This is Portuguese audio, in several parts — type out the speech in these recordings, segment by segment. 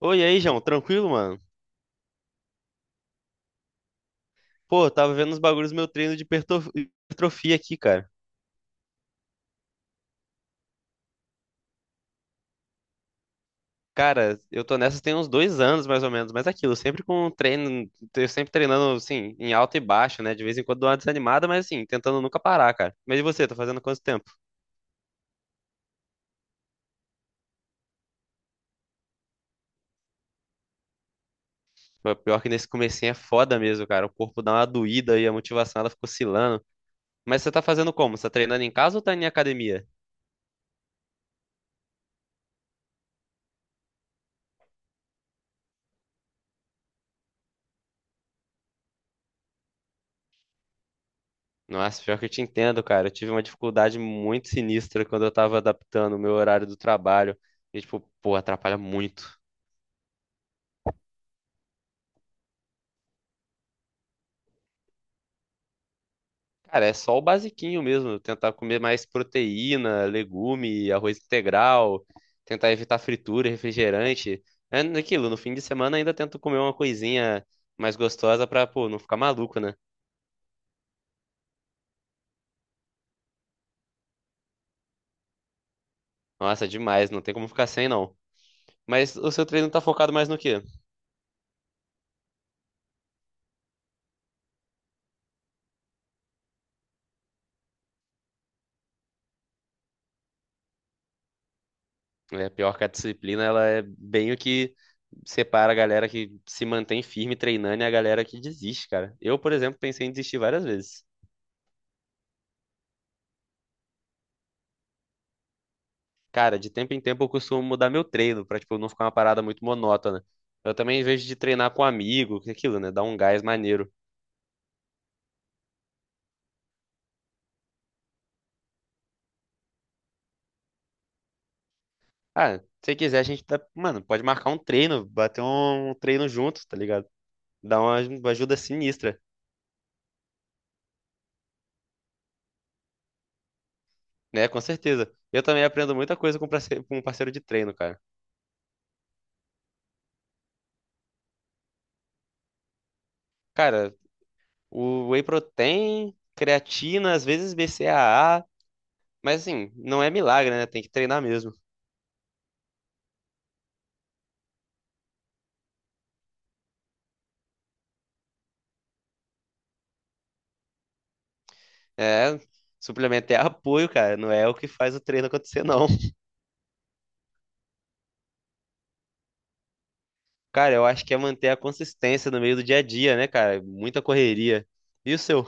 Oi, e aí, João, tranquilo, mano? Pô, eu tava vendo os bagulhos do meu treino de hipertrofia aqui, cara. Cara, eu tô nessa tem uns dois anos, mais ou menos, mas é aquilo, sempre com treino, eu sempre treinando, assim, em alta e baixa, né? De vez em quando dou uma desanimada, mas assim, tentando nunca parar, cara. Mas e você, tá fazendo quanto tempo? Pô, pior que nesse comecinho é foda mesmo, cara. O corpo dá uma doída e a motivação ela fica oscilando. Mas você tá fazendo como? Você tá treinando em casa ou tá em academia? Nossa, pior que eu te entendo, cara. Eu tive uma dificuldade muito sinistra quando eu tava adaptando o meu horário do trabalho. E, tipo, pô, atrapalha muito. Cara, é só o basiquinho mesmo. Tentar comer mais proteína, legume, arroz integral. Tentar evitar fritura, refrigerante. É naquilo, no fim de semana ainda tento comer uma coisinha mais gostosa pra, pô, não ficar maluco, né? Nossa, demais. Não tem como ficar sem, não. Mas o seu treino tá focado mais no quê? É pior que a disciplina, ela é bem o que separa a galera que se mantém firme treinando e a galera que desiste, cara. Eu, por exemplo, pensei em desistir várias vezes. Cara, de tempo em tempo eu costumo mudar meu treino pra, tipo, não ficar uma parada muito monótona. Eu também vejo de treinar com um amigo, que é aquilo, né? Dar um gás maneiro. Ah, se quiser, a gente tá, mano, pode marcar um treino, bater um treino junto, tá ligado? Dá uma ajuda sinistra, né? Com certeza. Eu também aprendo muita coisa com com um parceiro de treino, cara. Cara, o whey protein, creatina, às vezes BCAA, mas assim, não é milagre, né? Tem que treinar mesmo. É, suplemento é apoio, cara, não é o que faz o treino acontecer, não. Cara, eu acho que é manter a consistência no meio do dia a dia, né, cara? Muita correria. E o seu?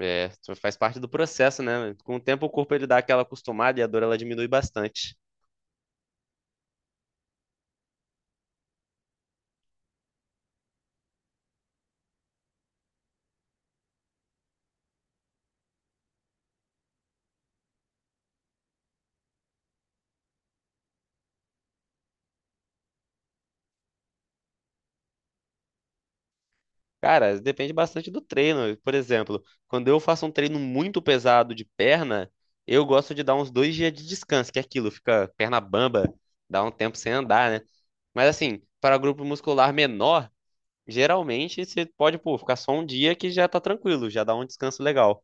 É, faz parte do processo, né? Com o tempo o corpo ele dá aquela acostumada e a dor ela diminui bastante. Cara, depende bastante do treino. Por exemplo, quando eu faço um treino muito pesado de perna, eu gosto de dar uns dois dias de descanso, que é aquilo, fica perna bamba, dá um tempo sem andar, né? Mas assim, para grupo muscular menor, geralmente você pode, pô, ficar só um dia que já tá tranquilo, já dá um descanso legal.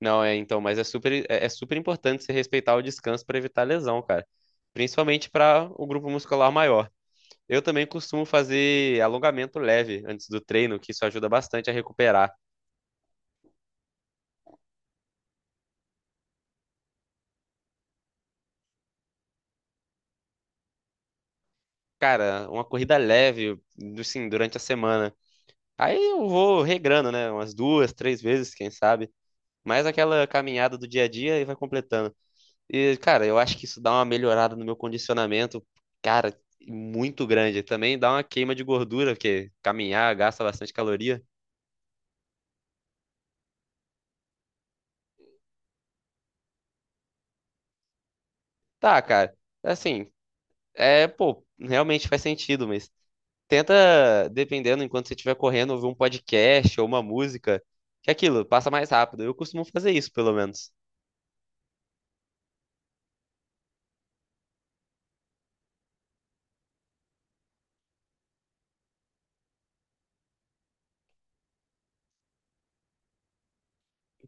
Não, é então, mas é super, é super importante você respeitar o descanso para evitar lesão, cara. Principalmente para o grupo muscular maior. Eu também costumo fazer alongamento leve antes do treino, que isso ajuda bastante a recuperar. Cara, uma corrida leve, assim, durante a semana. Aí eu vou regrando, né? Umas duas, três vezes, quem sabe. Mais aquela caminhada do dia a dia e vai completando. E, cara, eu acho que isso dá uma melhorada no meu condicionamento, cara, muito grande. Também dá uma queima de gordura, porque caminhar gasta bastante caloria. Tá, cara, assim, é, pô, realmente faz sentido, mas tenta, dependendo, enquanto você estiver correndo, ouvir um podcast ou uma música, que é aquilo passa mais rápido. Eu costumo fazer isso, pelo menos.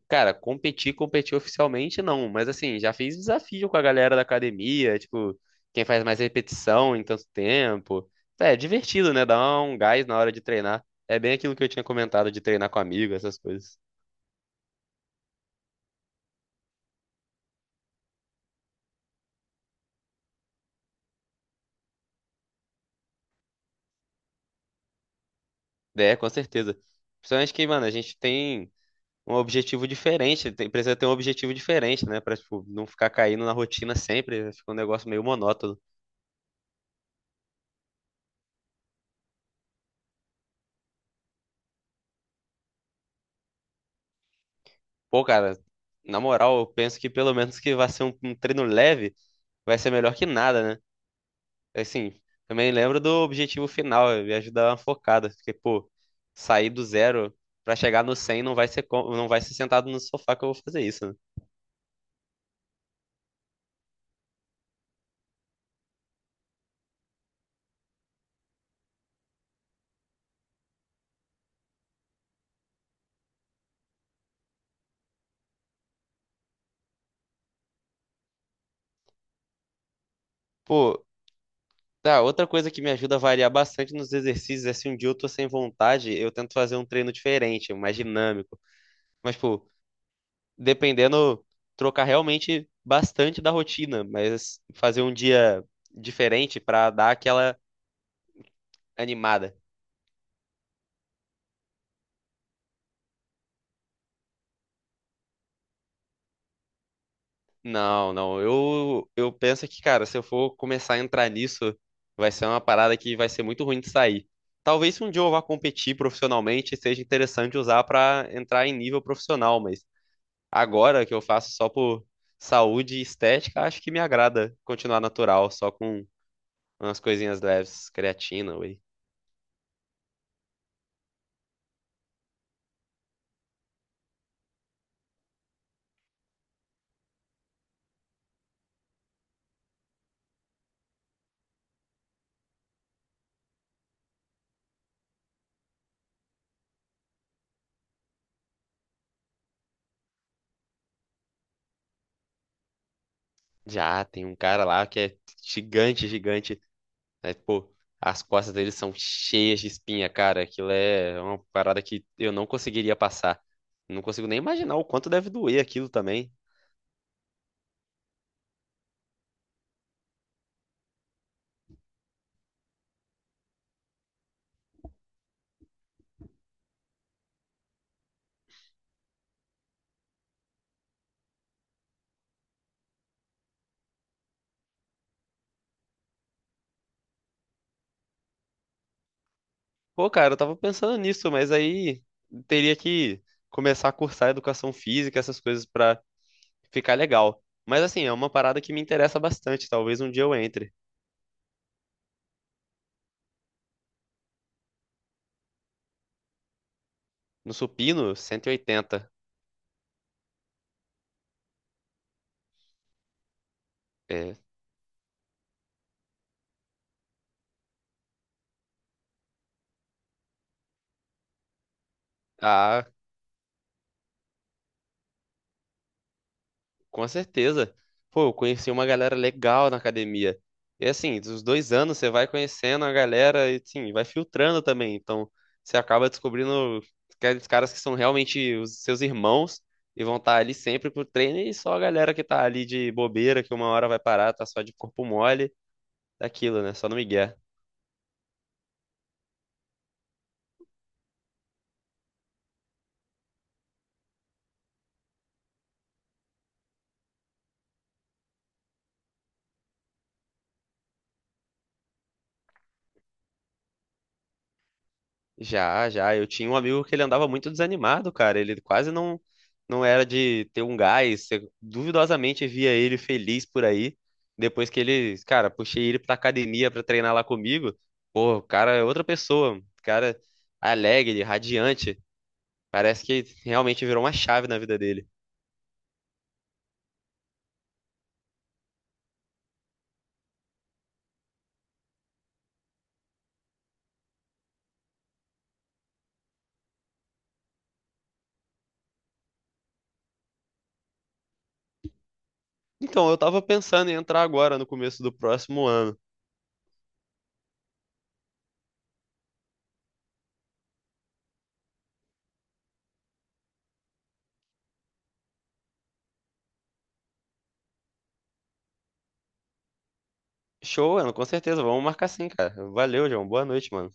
Cara, competir, competir oficialmente não, mas assim, já fiz desafio com a galera da academia, tipo, quem faz mais repetição em tanto tempo. É divertido, né? Dá um gás na hora de treinar. É bem aquilo que eu tinha comentado de treinar com amigo, essas coisas. É, com certeza. Principalmente que, mano, a gente tem um objetivo diferente, precisa ter um objetivo diferente, né? Pra, tipo, não ficar caindo na rotina sempre, né? Fica um negócio meio monótono. Pô, cara, na moral, eu penso que pelo menos que vai ser um treino leve, vai ser melhor que nada, né? Assim, também lembro do objetivo final, me ajudar uma focada, porque, pô, sair do zero pra chegar no 100 não vai ser, não vai ser sentado no sofá que eu vou fazer isso, né? Pô, tá, outra coisa que me ajuda a variar bastante nos exercícios é se um dia eu tô sem vontade, eu tento fazer um treino diferente, mais dinâmico. Mas, pô, dependendo, trocar realmente bastante da rotina, mas fazer um dia diferente pra dar aquela animada. Não, não. Eu penso que, cara, se eu for começar a entrar nisso, vai ser uma parada que vai ser muito ruim de sair. Talvez se um dia eu vá competir profissionalmente, seja interessante usar pra entrar em nível profissional, mas agora que eu faço só por saúde e estética, acho que me agrada continuar natural, só com umas coisinhas leves, creatina, whey. Já tem um cara lá que é gigante, gigante. Né? Tipo, as costas dele são cheias de espinha, cara. Aquilo é uma parada que eu não conseguiria passar. Não consigo nem imaginar o quanto deve doer aquilo também. Pô, cara, eu tava pensando nisso, mas aí teria que começar a cursar educação física, essas coisas pra ficar legal. Mas assim, é uma parada que me interessa bastante. Talvez um dia eu entre. No supino, 180. É. Ah, com certeza. Pô, eu conheci uma galera legal na academia. E assim, dos dois anos você vai conhecendo a galera e sim, vai filtrando também. Então, você acaba descobrindo aqueles caras que são realmente os seus irmãos e vão estar ali sempre pro treino e só a galera que tá ali de bobeira, que uma hora vai parar, tá só de corpo mole, daquilo, né? Só no migué. Já, já. Eu tinha um amigo que ele andava muito desanimado, cara. Ele quase não era de ter um gás. Você duvidosamente via ele feliz por aí. Depois que ele, cara, puxei ele pra academia pra treinar lá comigo. Pô, o cara é outra pessoa. O cara alegre, radiante. Parece que realmente virou uma chave na vida dele. Então, eu tava pensando em entrar agora no começo do próximo ano. Show, Ana, com certeza. Vamos marcar sim, cara. Valeu, João. Boa noite, mano.